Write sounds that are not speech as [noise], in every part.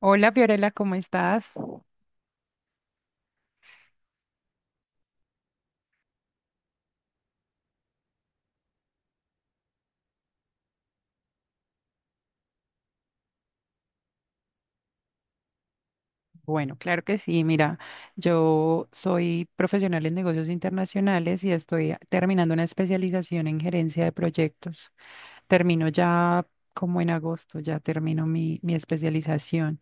Hola Fiorella, ¿cómo estás? Bueno, claro que sí. Mira, yo soy profesional en negocios internacionales y estoy terminando una especialización en gerencia de proyectos. Termino ya como en agosto, ya termino mi especialización.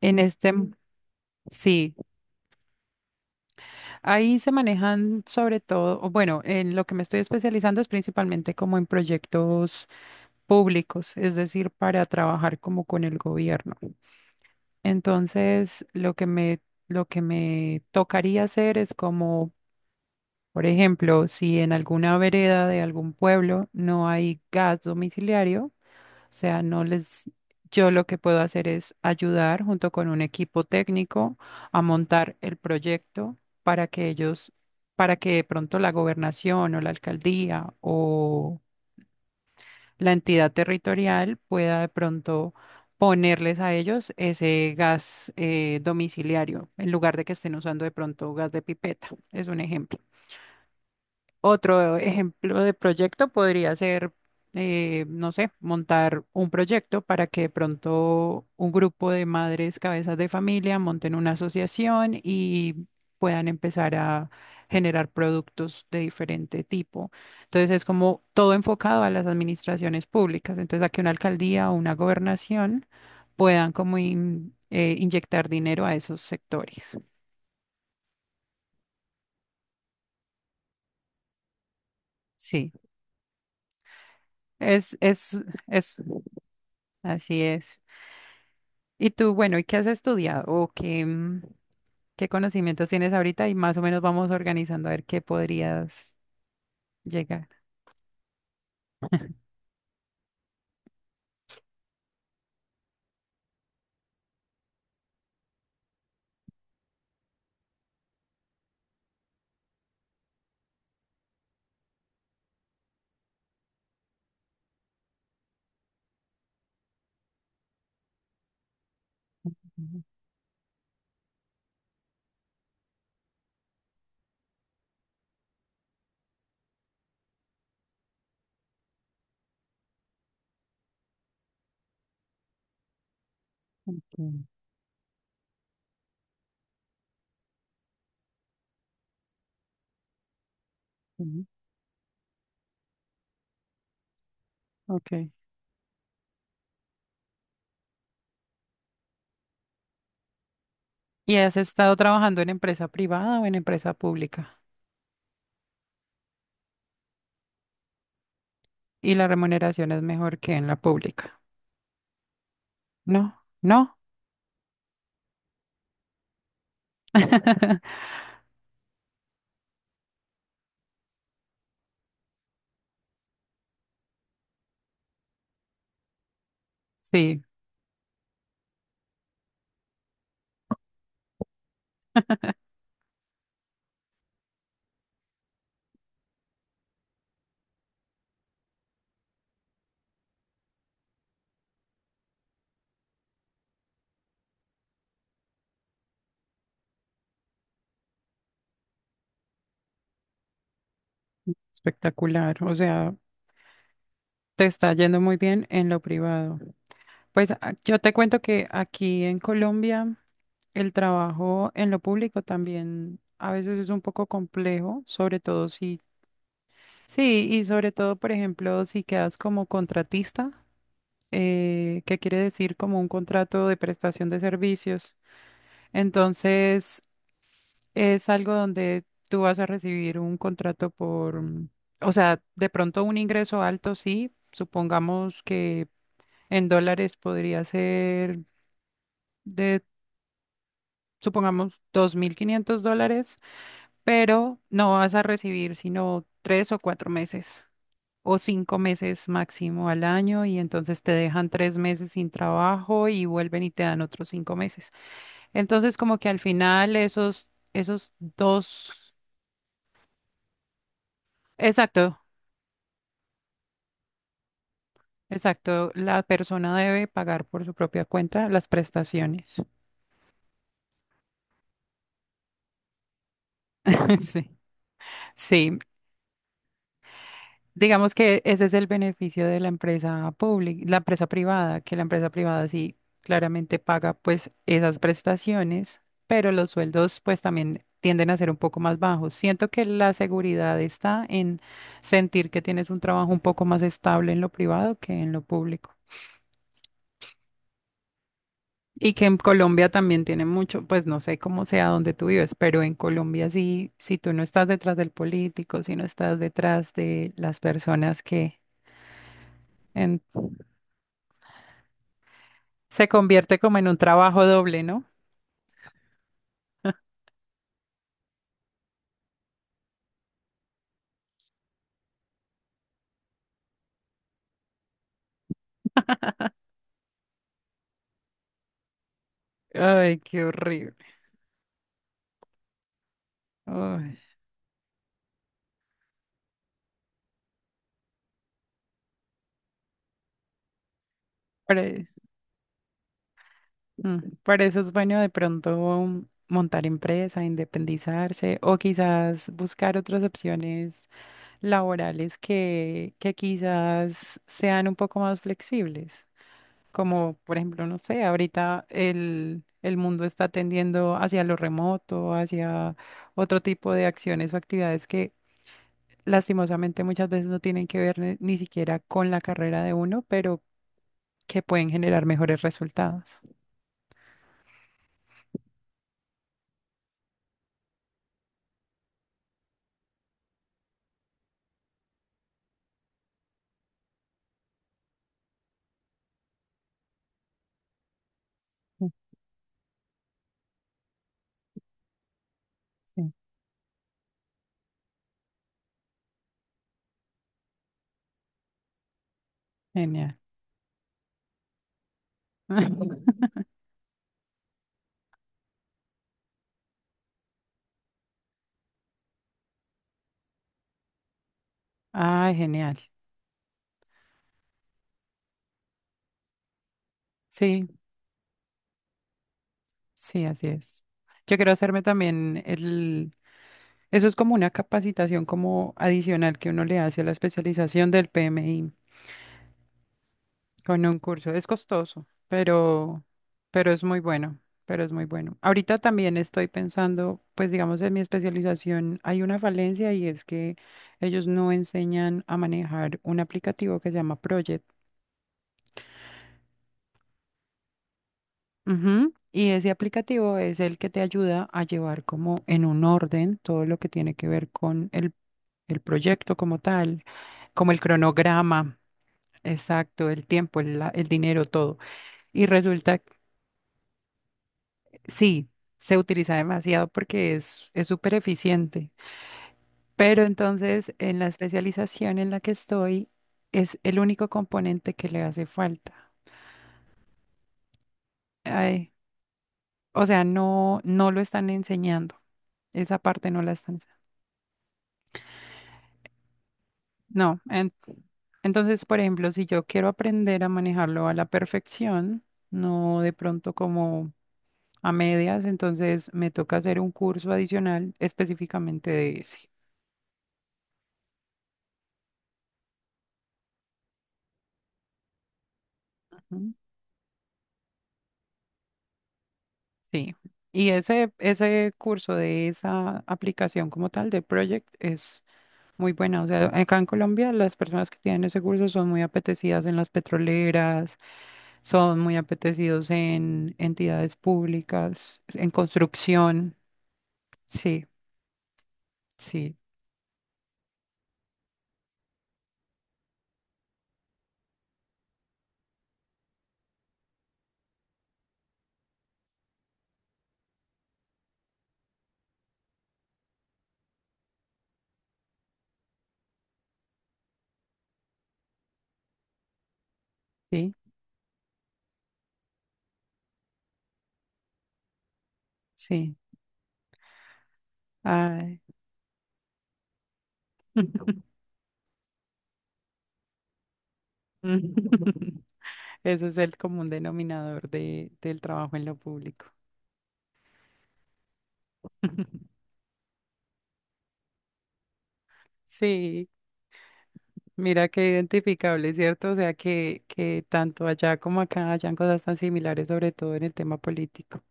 En este, Mm. Sí, ahí se manejan sobre todo, o bueno, en lo que me estoy especializando es principalmente como en proyectos públicos, es decir, para trabajar como con el gobierno. Entonces, lo que me tocaría hacer es como, por ejemplo, si en alguna vereda de algún pueblo no hay gas domiciliario, o sea, no les, yo lo que puedo hacer es ayudar junto con un equipo técnico a montar el proyecto para que ellos, para que de pronto la gobernación o la alcaldía o la entidad territorial pueda de pronto ponerles a ellos ese gas domiciliario en lugar de que estén usando de pronto gas de pipeta. Es un ejemplo. Otro ejemplo de proyecto podría ser, no sé, montar un proyecto para que de pronto un grupo de madres cabezas de familia monten una asociación y puedan empezar a generar productos de diferente tipo. Entonces es como todo enfocado a las administraciones públicas. Entonces a que una alcaldía o una gobernación puedan como inyectar dinero a esos sectores. Sí, es, es, es, así es. Y tú, bueno, ¿y qué has estudiado? ¿O qué, qué conocimientos tienes ahorita? Y más o menos vamos organizando a ver qué podrías llegar. Ujú, okay. Ujú, okay. ¿Y has estado trabajando en empresa privada o en empresa pública? Y la remuneración es mejor que en la pública. ¿No? ¿No? [laughs] Sí, espectacular. O sea, te está yendo muy bien en lo privado. Pues yo te cuento que aquí en Colombia el trabajo en lo público también a veces es un poco complejo, sobre todo si, sí, y sobre todo, por ejemplo, si quedas como contratista, que quiere decir como un contrato de prestación de servicios. Entonces, es algo donde tú vas a recibir un contrato por, o sea, de pronto un ingreso alto, sí, supongamos que en dólares podría ser de, supongamos, $2.500, pero no vas a recibir sino tres o cuatro meses o cinco meses máximo al año y entonces te dejan tres meses sin trabajo y vuelven y te dan otros cinco meses. Entonces como que al final esos dos, exacto, exacto, la persona debe pagar por su propia cuenta las prestaciones. [laughs] Sí, sí. Digamos que ese es el beneficio de la empresa pública, la empresa privada, que la empresa privada sí claramente paga pues esas prestaciones, pero los sueldos pues también tienden a ser un poco más bajos. Siento que la seguridad está en sentir que tienes un trabajo un poco más estable en lo privado que en lo público. Y que en Colombia también tiene mucho, pues no sé cómo sea donde tú vives, pero en Colombia sí, si tú no estás detrás del político, si no estás detrás de las personas que en se convierte como en un trabajo doble, ¿no? Ay, qué horrible. Ay, para, para eso es bueno de pronto montar empresa, independizarse o quizás buscar otras opciones laborales que quizás sean un poco más flexibles. Como por ejemplo, no sé, ahorita el mundo está tendiendo hacia lo remoto, hacia otro tipo de acciones o actividades que lastimosamente muchas veces no tienen que ver ni siquiera con la carrera de uno, pero que pueden generar mejores resultados. Sí, genial. [laughs] Ay, genial. Sí, sí, así es. Yo quiero hacerme también el... Eso es como una capacitación como adicional que uno le hace a la especialización del PMI. Con un curso. Es costoso, pero es muy bueno, pero es muy bueno. Ahorita también estoy pensando, pues digamos, en mi especialización hay una falencia y es que ellos no enseñan a manejar un aplicativo que se llama Project. Ujú. Y ese aplicativo es el que te ayuda a llevar como en un orden todo lo que tiene que ver con el proyecto como tal, como el cronograma, exacto, el tiempo, el dinero, todo. Y resulta sí, se utiliza demasiado porque es súper eficiente. Pero entonces, en la especialización en la que estoy, es el único componente que le hace falta. Ay, o sea, no lo están enseñando. Esa parte no la están enseñando. No, en- Entonces, por ejemplo, si yo quiero aprender a manejarlo a la perfección, no de pronto como a medias, entonces me toca hacer un curso adicional específicamente de ese. ¿No? Sí. Y ese curso de esa aplicación como tal, de Project, es muy buena. O sea, acá en Colombia las personas que tienen ese curso son muy apetecidas en las petroleras, son muy apetecidos en entidades públicas, en construcción. Sí, sí, sí, sí. Ay. [laughs] [laughs] Ese es el común denominador del trabajo en lo público. [laughs] Sí. Mira qué identificable, ¿cierto? O sea, que tanto allá como acá hayan cosas tan similares, sobre todo en el tema político.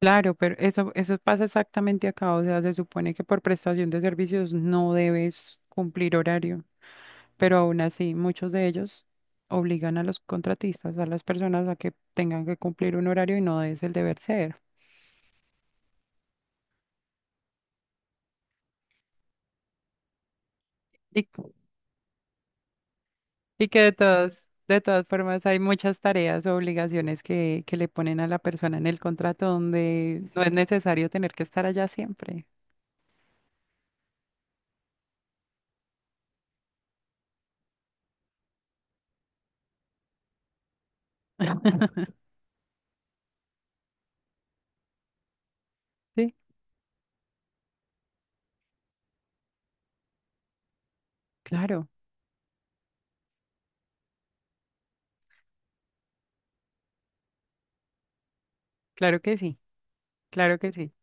Claro, pero eso pasa exactamente acá. O sea, se supone que por prestación de servicios no debes cumplir horario, pero aún así muchos de ellos obligan a los contratistas, a las personas a que tengan que cumplir un horario y no es el deber ser. Y y que de de todas formas hay muchas tareas o obligaciones que le ponen a la persona en el contrato donde no es necesario tener que estar allá siempre. Sí, claro, claro que sí, claro que sí.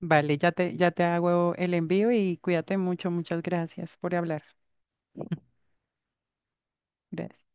Vale, ya te hago el envío y cuídate mucho, muchas gracias por hablar. Gracias.